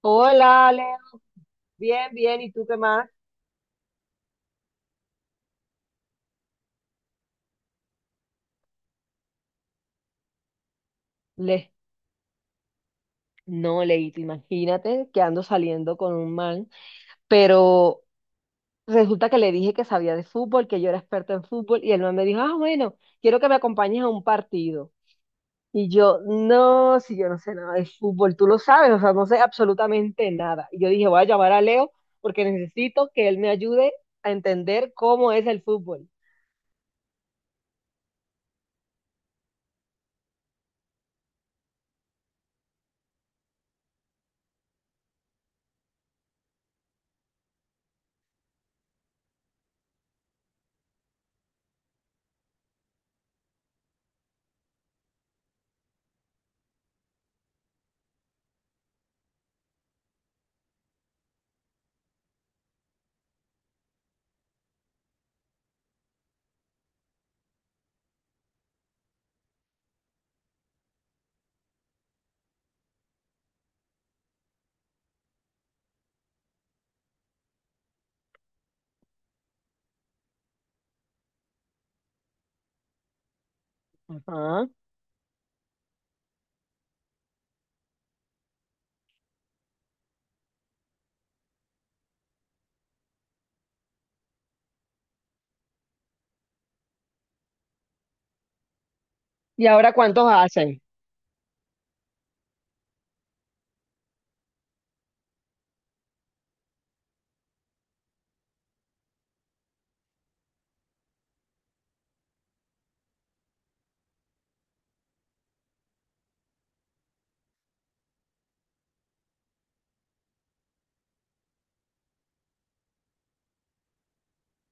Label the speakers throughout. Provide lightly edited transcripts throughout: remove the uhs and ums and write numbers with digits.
Speaker 1: Hola, Leo. Bien, bien. ¿Y tú qué más? Le, no, Leito, imagínate que ando saliendo con un man, pero resulta que le dije que sabía de fútbol, que yo era experta en fútbol, y el man me dijo, ah, bueno, quiero que me acompañes a un partido. Y yo, no, si yo no sé nada de fútbol, tú lo sabes, o sea, no sé absolutamente nada. Y yo dije, voy a llamar a Leo porque necesito que él me ayude a entender cómo es el fútbol. Ajá. ¿Y ahora cuántos hacen?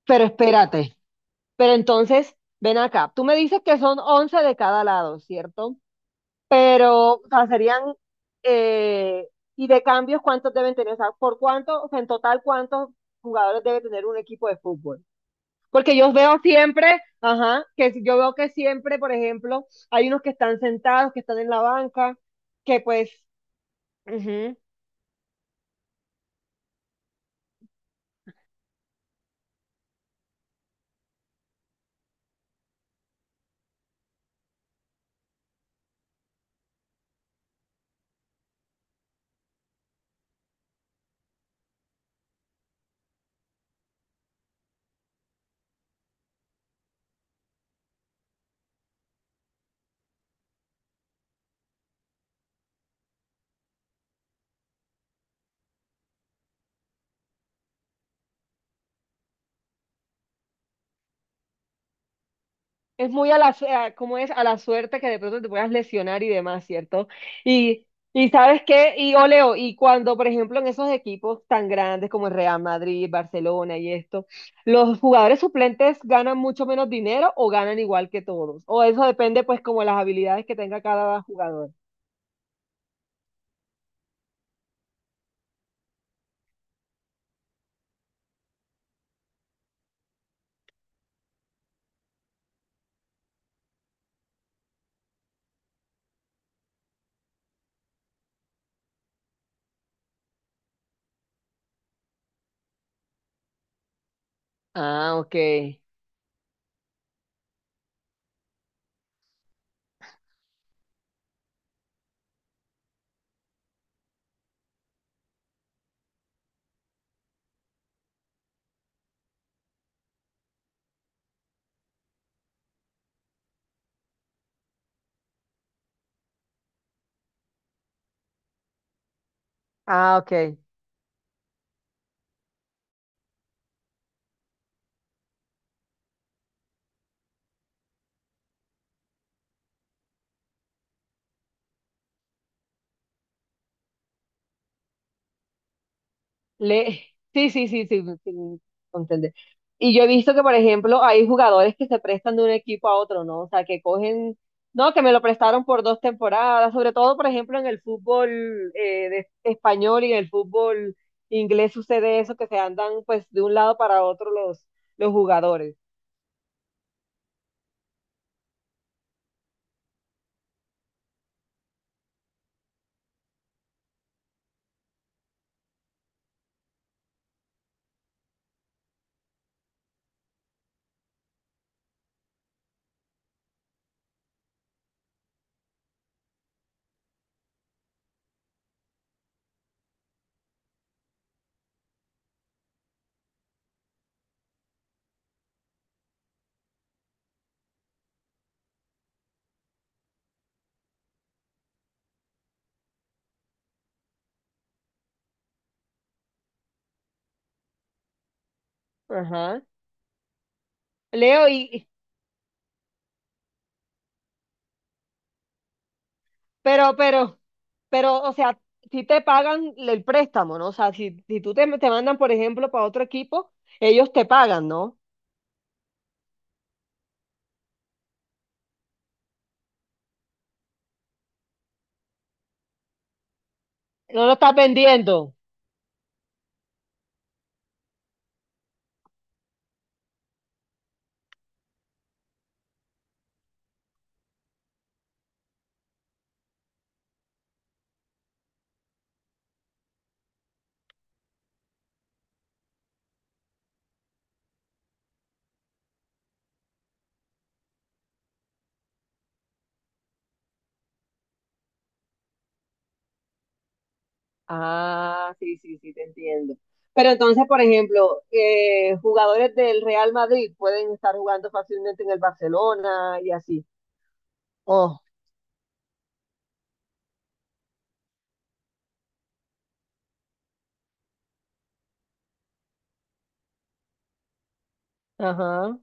Speaker 1: Pero espérate. Pero entonces, ven acá, tú me dices que son 11 de cada lado, ¿cierto? Pero, o sea, serían, eh, y de cambios, ¿cuántos deben tener? O sea, ¿por cuánto, o sea, en total, cuántos jugadores debe tener un equipo de fútbol? Porque yo veo siempre, ajá, que si- yo veo que siempre, por ejemplo, hay unos que están sentados, que están en la banca, que pues, ujú. Es muy a la, su- a- como es a la suerte que de pronto te puedas lesionar y demás, ¿cierto? Y, y ¿sabes qué? Y Oleo, y cuando, por ejemplo, en esos equipos tan grandes como el Real Madrid, Barcelona y esto, ¿los jugadores suplentes ganan mucho menos dinero o ganan igual que todos? O eso depende, pues, como las habilidades que tenga cada jugador. Ah, ok. Ah, ok. Le... Sí, sí, sí, sí, sí, entender. Y yo he visto que, por ejemplo, hay jugadores que se prestan de un equipo a otro, ¿no? O sea, que cogen, no, que me lo prestaron por 2 temporadas, sobre todo, por ejemplo, en el fútbol español y en el fútbol inglés sucede eso, que se andan pues de un lado para otro los, jugadores. Ajá. Leo, pero, pero, pero, o sea, si te pagan el préstamo, ¿no? O sea, si tú te mandan, por ejemplo, para otro equipo, ellos te pagan, ¿no? No lo estás vendiendo. Ah, sí, sí, sí, te entiendo. Pero entonces, por ejemplo, jugadores del Real Madrid pueden estar jugando fácilmente en el Barcelona y así. Oh, ajá.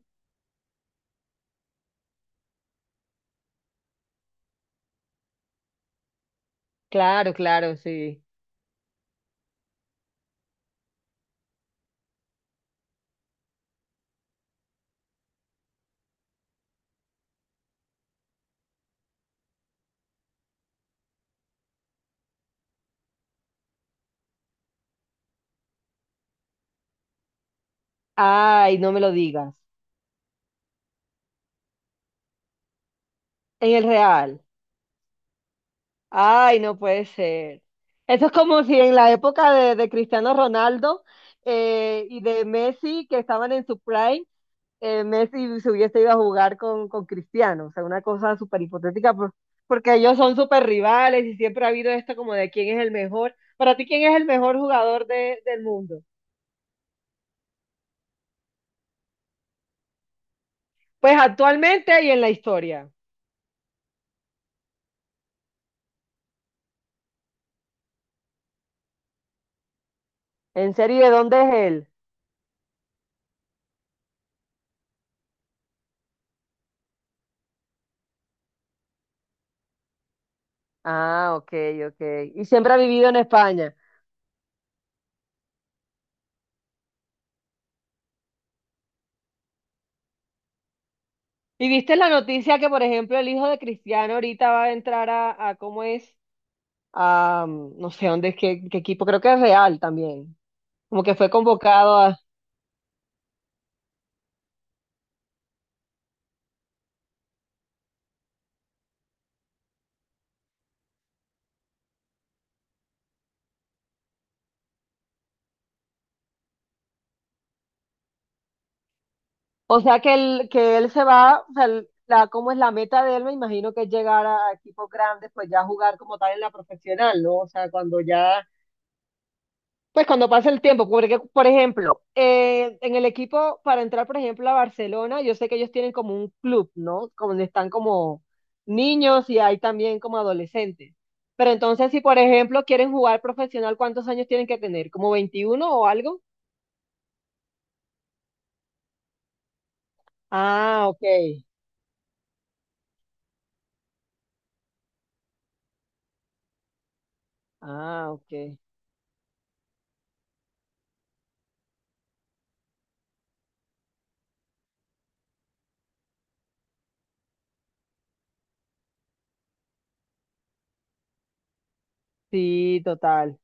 Speaker 1: Claro, claro, sí. Ay, no me lo digas. En el Real. Ay, no puede ser. Eso es como si en la época de Cristiano Ronaldo y de Messi, que estaban en su prime, Messi se hubiese ido a jugar con Cristiano, o sea, una cosa súper hipotética. Porque ellos son súper rivales y siempre ha habido esto como de quién es el mejor. Para ti, ¿quién es el mejor jugador del mundo? Pues actualmente y en la historia. ¿En serio? ¿Y de dónde es él? Ah, ok, ok. Y siempre ha vivido en España. ¿Y viste la noticia que, por ejemplo, el hijo de Cristiano ahorita va a entrar a ¿cómo es? No sé dónde es, qué equipo, creo que es Real también. Como que fue convocado a. O sea que él se va, o sea, cómo es la meta de él, me imagino que es llegar a equipos grandes, pues ya jugar como tal en la profesional, ¿no? O sea, cuando ya, pues cuando pase el tiempo, porque, por ejemplo, en el equipo, para entrar, por ejemplo, a Barcelona, yo sé que ellos tienen como un club, ¿no? Como donde están como niños y hay también como adolescentes. Pero entonces, si por ejemplo quieren jugar profesional, ¿cuántos años tienen que tener? ¿Como 21 o algo? Ah, ok. Ah, ok. Sí, total.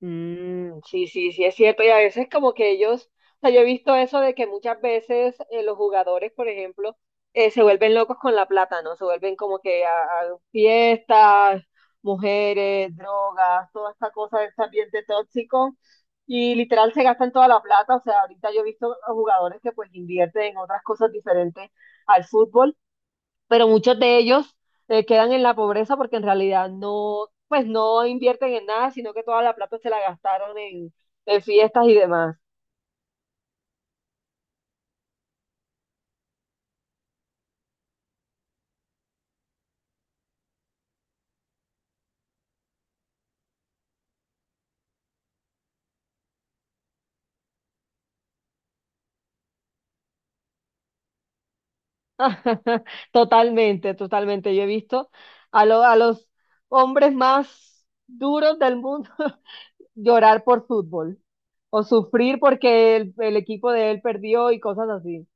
Speaker 1: Mm, sí, sí, sí, es cierto. Y a veces como que ellos, o sea, yo he visto eso de que muchas veces los jugadores, por ejemplo, se vuelven locos con la plata, ¿no? Se vuelven como que a fiestas, mujeres, drogas, toda esta cosa de este ambiente tóxico. Y literal se gastan toda la plata. O sea, ahorita yo he visto a jugadores que pues invierten en otras cosas diferentes al fútbol, pero muchos de ellos quedan en la pobreza porque en realidad no, pues no invierten en nada, sino que toda la plata se la gastaron en fiestas y demás. Totalmente, totalmente. Yo he visto a los hombres más duros del mundo llorar por fútbol o sufrir porque el equipo de él perdió y cosas así.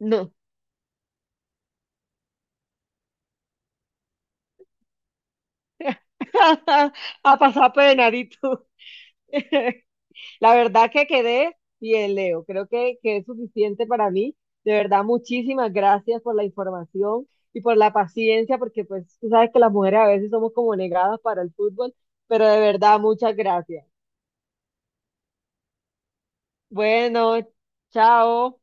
Speaker 1: No, a pasar pena, ¿y tú? La verdad que quedé bien, Leo. Creo que es suficiente para mí. De verdad, muchísimas gracias por la información y por la paciencia, porque pues tú sabes que las mujeres a veces somos como negadas para el fútbol, pero de verdad, muchas gracias. Bueno, chao.